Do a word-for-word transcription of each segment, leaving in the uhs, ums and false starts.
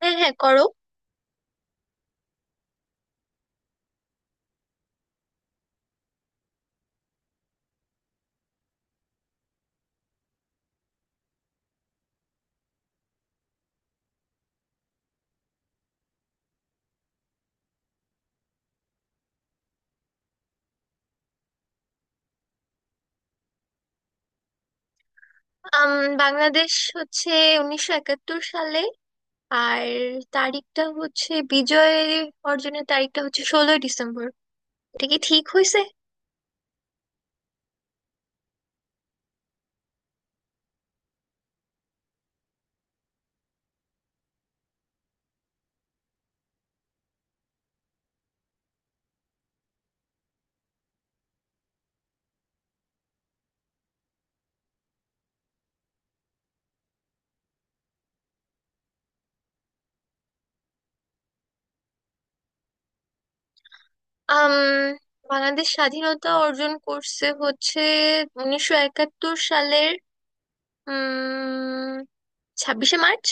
হ্যাঁ, হ্যাঁ, করো। আম, বাংলাদেশ হচ্ছে উনিশশো একাত্তর সালে। আর তারিখটা হচ্ছে বিজয় অর্জনের তারিখটা হচ্ছে ষোলোই ডিসেম্বর। এটা কি ঠিক হয়েছে? আম বাংলাদেশ স্বাধীনতা অর্জন করছে হচ্ছে উনিশশো একাত্তর সালের উম ছাব্বিশে মার্চ।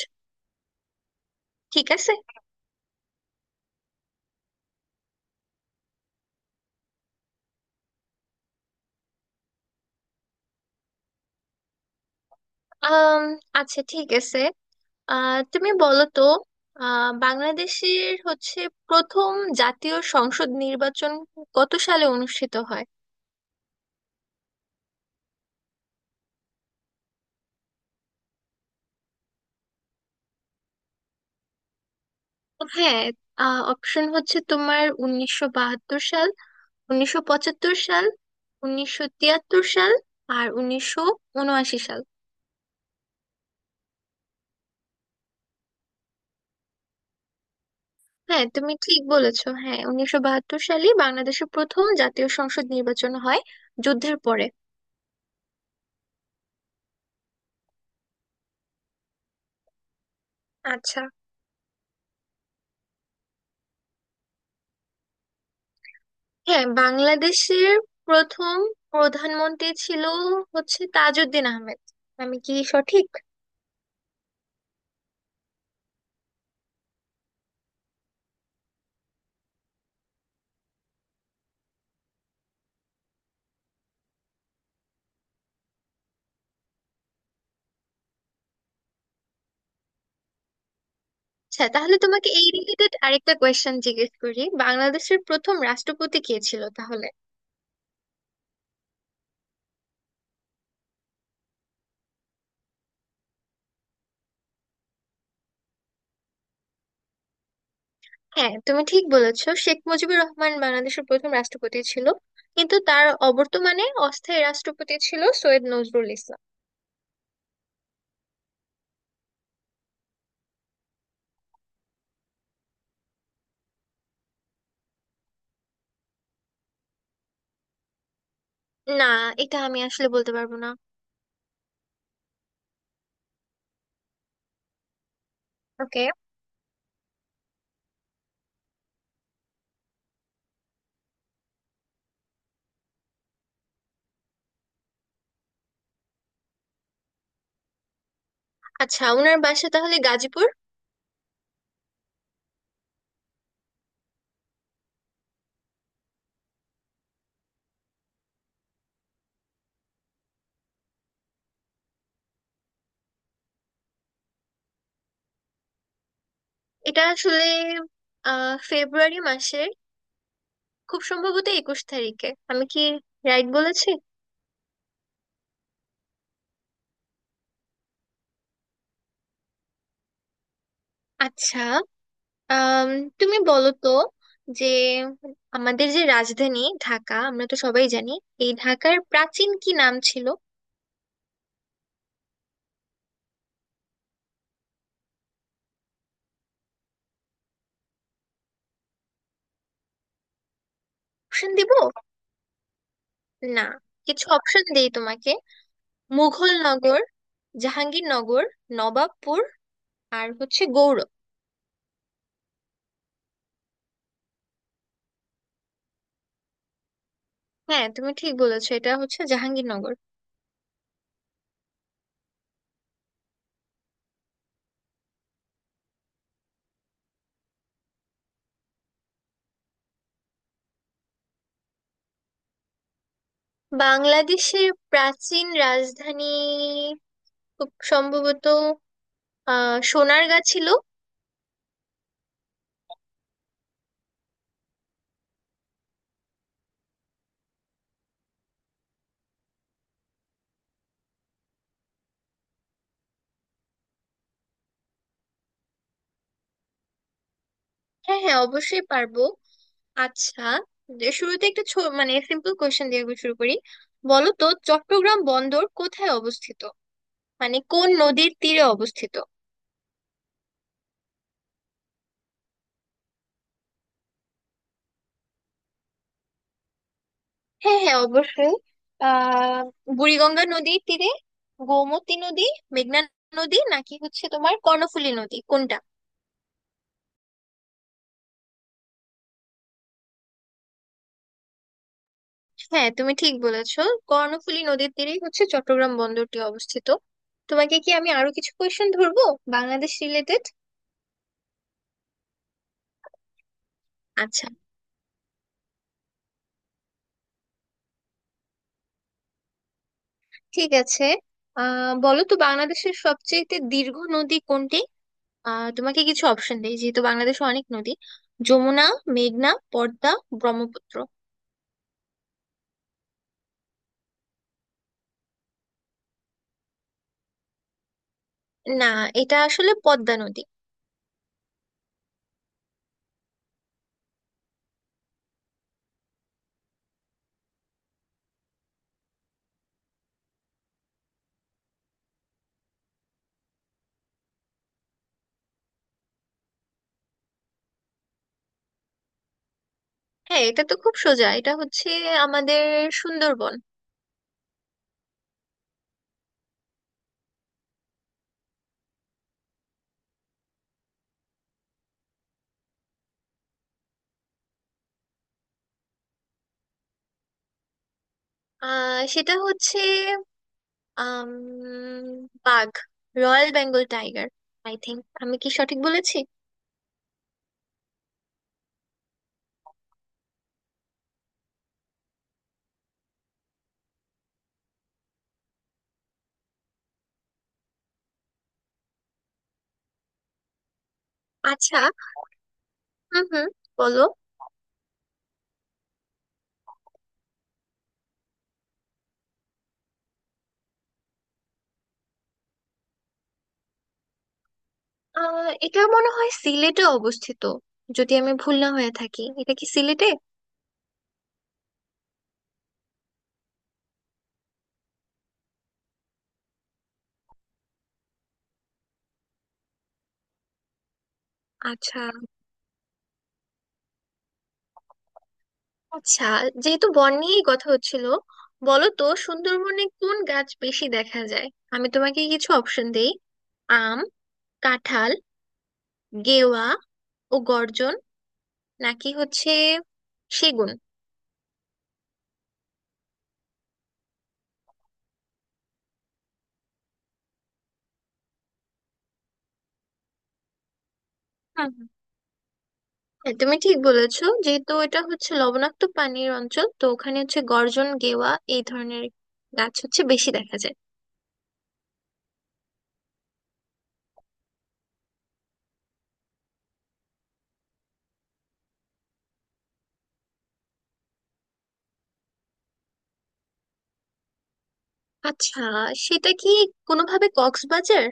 ঠিক আছে। আম আচ্ছা, ঠিক আছে। আহ তুমি বলো তো, আহ বাংলাদেশের হচ্ছে প্রথম জাতীয় সংসদ নির্বাচন কত সালে অনুষ্ঠিত হয়? হ্যাঁ, অপশন হচ্ছে তোমার উনিশশো বাহাত্তর সাল, উনিশশো পঁচাত্তর সাল, উনিশশো তিয়াত্তর সাল, আর উনিশশো উনআশি সাল। হ্যাঁ তুমি ঠিক বলেছো। হ্যাঁ, উনিশশো বাহাত্তর সালে বাংলাদেশের প্রথম জাতীয় সংসদ নির্বাচন হয়, যুদ্ধের পরে। আচ্ছা। হ্যাঁ, বাংলাদেশের প্রথম প্রধানমন্ত্রী ছিল হচ্ছে তাজউদ্দিন আহমেদ। আমি কি সঠিক? আচ্ছা, তাহলে তোমাকে এই রিলেটেড আরেকটা কোয়েশ্চেন জিজ্ঞেস করি, বাংলাদেশের প্রথম রাষ্ট্রপতি কে ছিল তাহলে? হ্যাঁ তুমি ঠিক বলেছো, শেখ মুজিবুর রহমান বাংলাদেশের প্রথম রাষ্ট্রপতি ছিল। কিন্তু তার অবর্তমানে অস্থায়ী রাষ্ট্রপতি ছিল সৈয়দ নজরুল ইসলাম। না, এটা আমি আসলে বলতে পারবো না। ওকে। আচ্ছা, ওনার বাসা তাহলে গাজীপুর। এটা আসলে আহ ফেব্রুয়ারি মাসের খুব সম্ভবত একুশ তারিখে। আমি কি রাইট বলেছি? আচ্ছা। আম, তুমি বলো তো যে আমাদের যে রাজধানী ঢাকা আমরা তো সবাই জানি, এই ঢাকার প্রাচীন কি নাম ছিল? অপশন দিব? না, কিছু অপশন দেই তোমাকে। মুঘল নগর, জাহাঙ্গীরনগর, নবাবপুর, আর হচ্ছে গৌড়। হ্যাঁ তুমি ঠিক বলেছো, এটা হচ্ছে জাহাঙ্গীরনগর। বাংলাদেশের প্রাচীন রাজধানী খুব সম্ভবত আহ সোনারগাঁ ছিল। হ্যাঁ, হ্যাঁ, অবশ্যই পারবো। আচ্ছা, যে শুরুতে একটা ছো মানে সিম্পল কোয়েশ্চেন দিয়ে আমি শুরু করি। বলো তো, চট্টগ্রাম বন্দর কোথায় অবস্থিত, মানে কোন নদীর তীরে অবস্থিত? হ্যাঁ, হ্যাঁ, অবশ্যই। আহ বুড়িগঙ্গা নদীর তীরে, গোমতী নদী, মেঘনা নদী, নাকি হচ্ছে তোমার কর্ণফুলী নদী, কোনটা? হ্যাঁ তুমি ঠিক বলেছো, কর্ণফুলী নদীর তীরেই হচ্ছে চট্টগ্রাম বন্দরটি অবস্থিত। তোমাকে কি আমি আরো কিছু কোয়েশ্চেন ধরবো, বাংলাদেশ রিলেটেড? আচ্ছা, ঠিক আছে। আহ বলো তো বাংলাদেশের সবচেয়ে দীর্ঘ নদী কোনটি? আহ তোমাকে কিছু অপশন দেই, যেহেতু বাংলাদেশে অনেক নদী। যমুনা, মেঘনা, পদ্মা, ব্রহ্মপুত্র। না, এটা আসলে পদ্মা নদী। হ্যাঁ, এটা তো খুব সোজা, এটা হচ্ছে আমাদের সুন্দরবন। আহ সেটা হচ্ছে আম, বাঘ, royal Bengal tiger. I think. আমি কি সঠিক বলেছি? আচ্ছা। হুম, হুম। বলো। আহ এটা মনে হয় সিলেটে অবস্থিত। যদি আমি ভুল না হয়ে থাকি, এটা কি সিলেটে? আচ্ছা। আচ্ছা, যেহেতু বন নিয়েই কথা হচ্ছিল, বলো তো সুন্দরবনে কোন গাছ বেশি দেখা যায়? আমি তোমাকে কিছু অপশন দেই। আম কাঁঠাল, গেওয়া ও গর্জন, নাকি হচ্ছে সেগুন? হুম, হুম। হ্যাঁ তুমি ঠিক বলেছো, যেহেতু এটা হচ্ছে লবণাক্ত পানির অঞ্চল, তো ওখানে হচ্ছে গর্জন, গেওয়া, এই ধরনের গাছ হচ্ছে বেশি দেখা যায়। আচ্ছা। সেটা কি কোনোভাবে কক্সবাজার?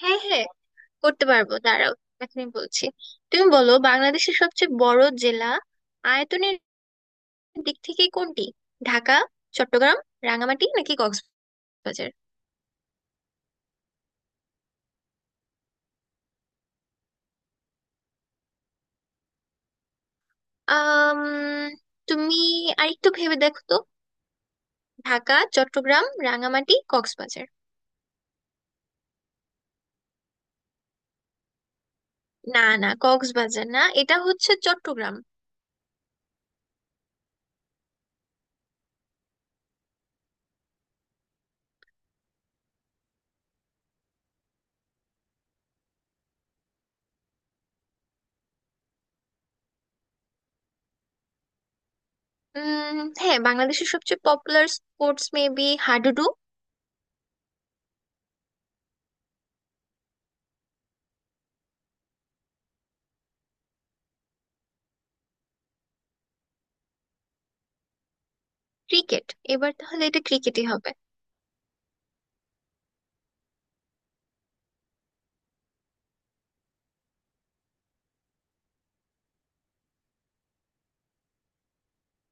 হ্যাঁ, হ্যাঁ, করতে পারবো, দাঁড়াও, এখনই বলছি। তুমি বলো বাংলাদেশের সবচেয়ে বড় জেলা আয়তনের দিক থেকে কোনটি? ঢাকা, চট্টগ্রাম, রাঙামাটি নাকি কক্সবাজার? আম তুমি আরেকটু ভেবে দেখো তো, ঢাকা, চট্টগ্রাম, রাঙামাটি, কক্সবাজার। না, না, কক্সবাজার না, এটা হচ্ছে চট্টগ্রাম। উম হ্যাঁ, বাংলাদেশের সবচেয়ে পপুলার স্পোর্টস মেবি হাডুডু। ক্রিকেট। এবার তাহলে এটা ক্রিকেটই হবে।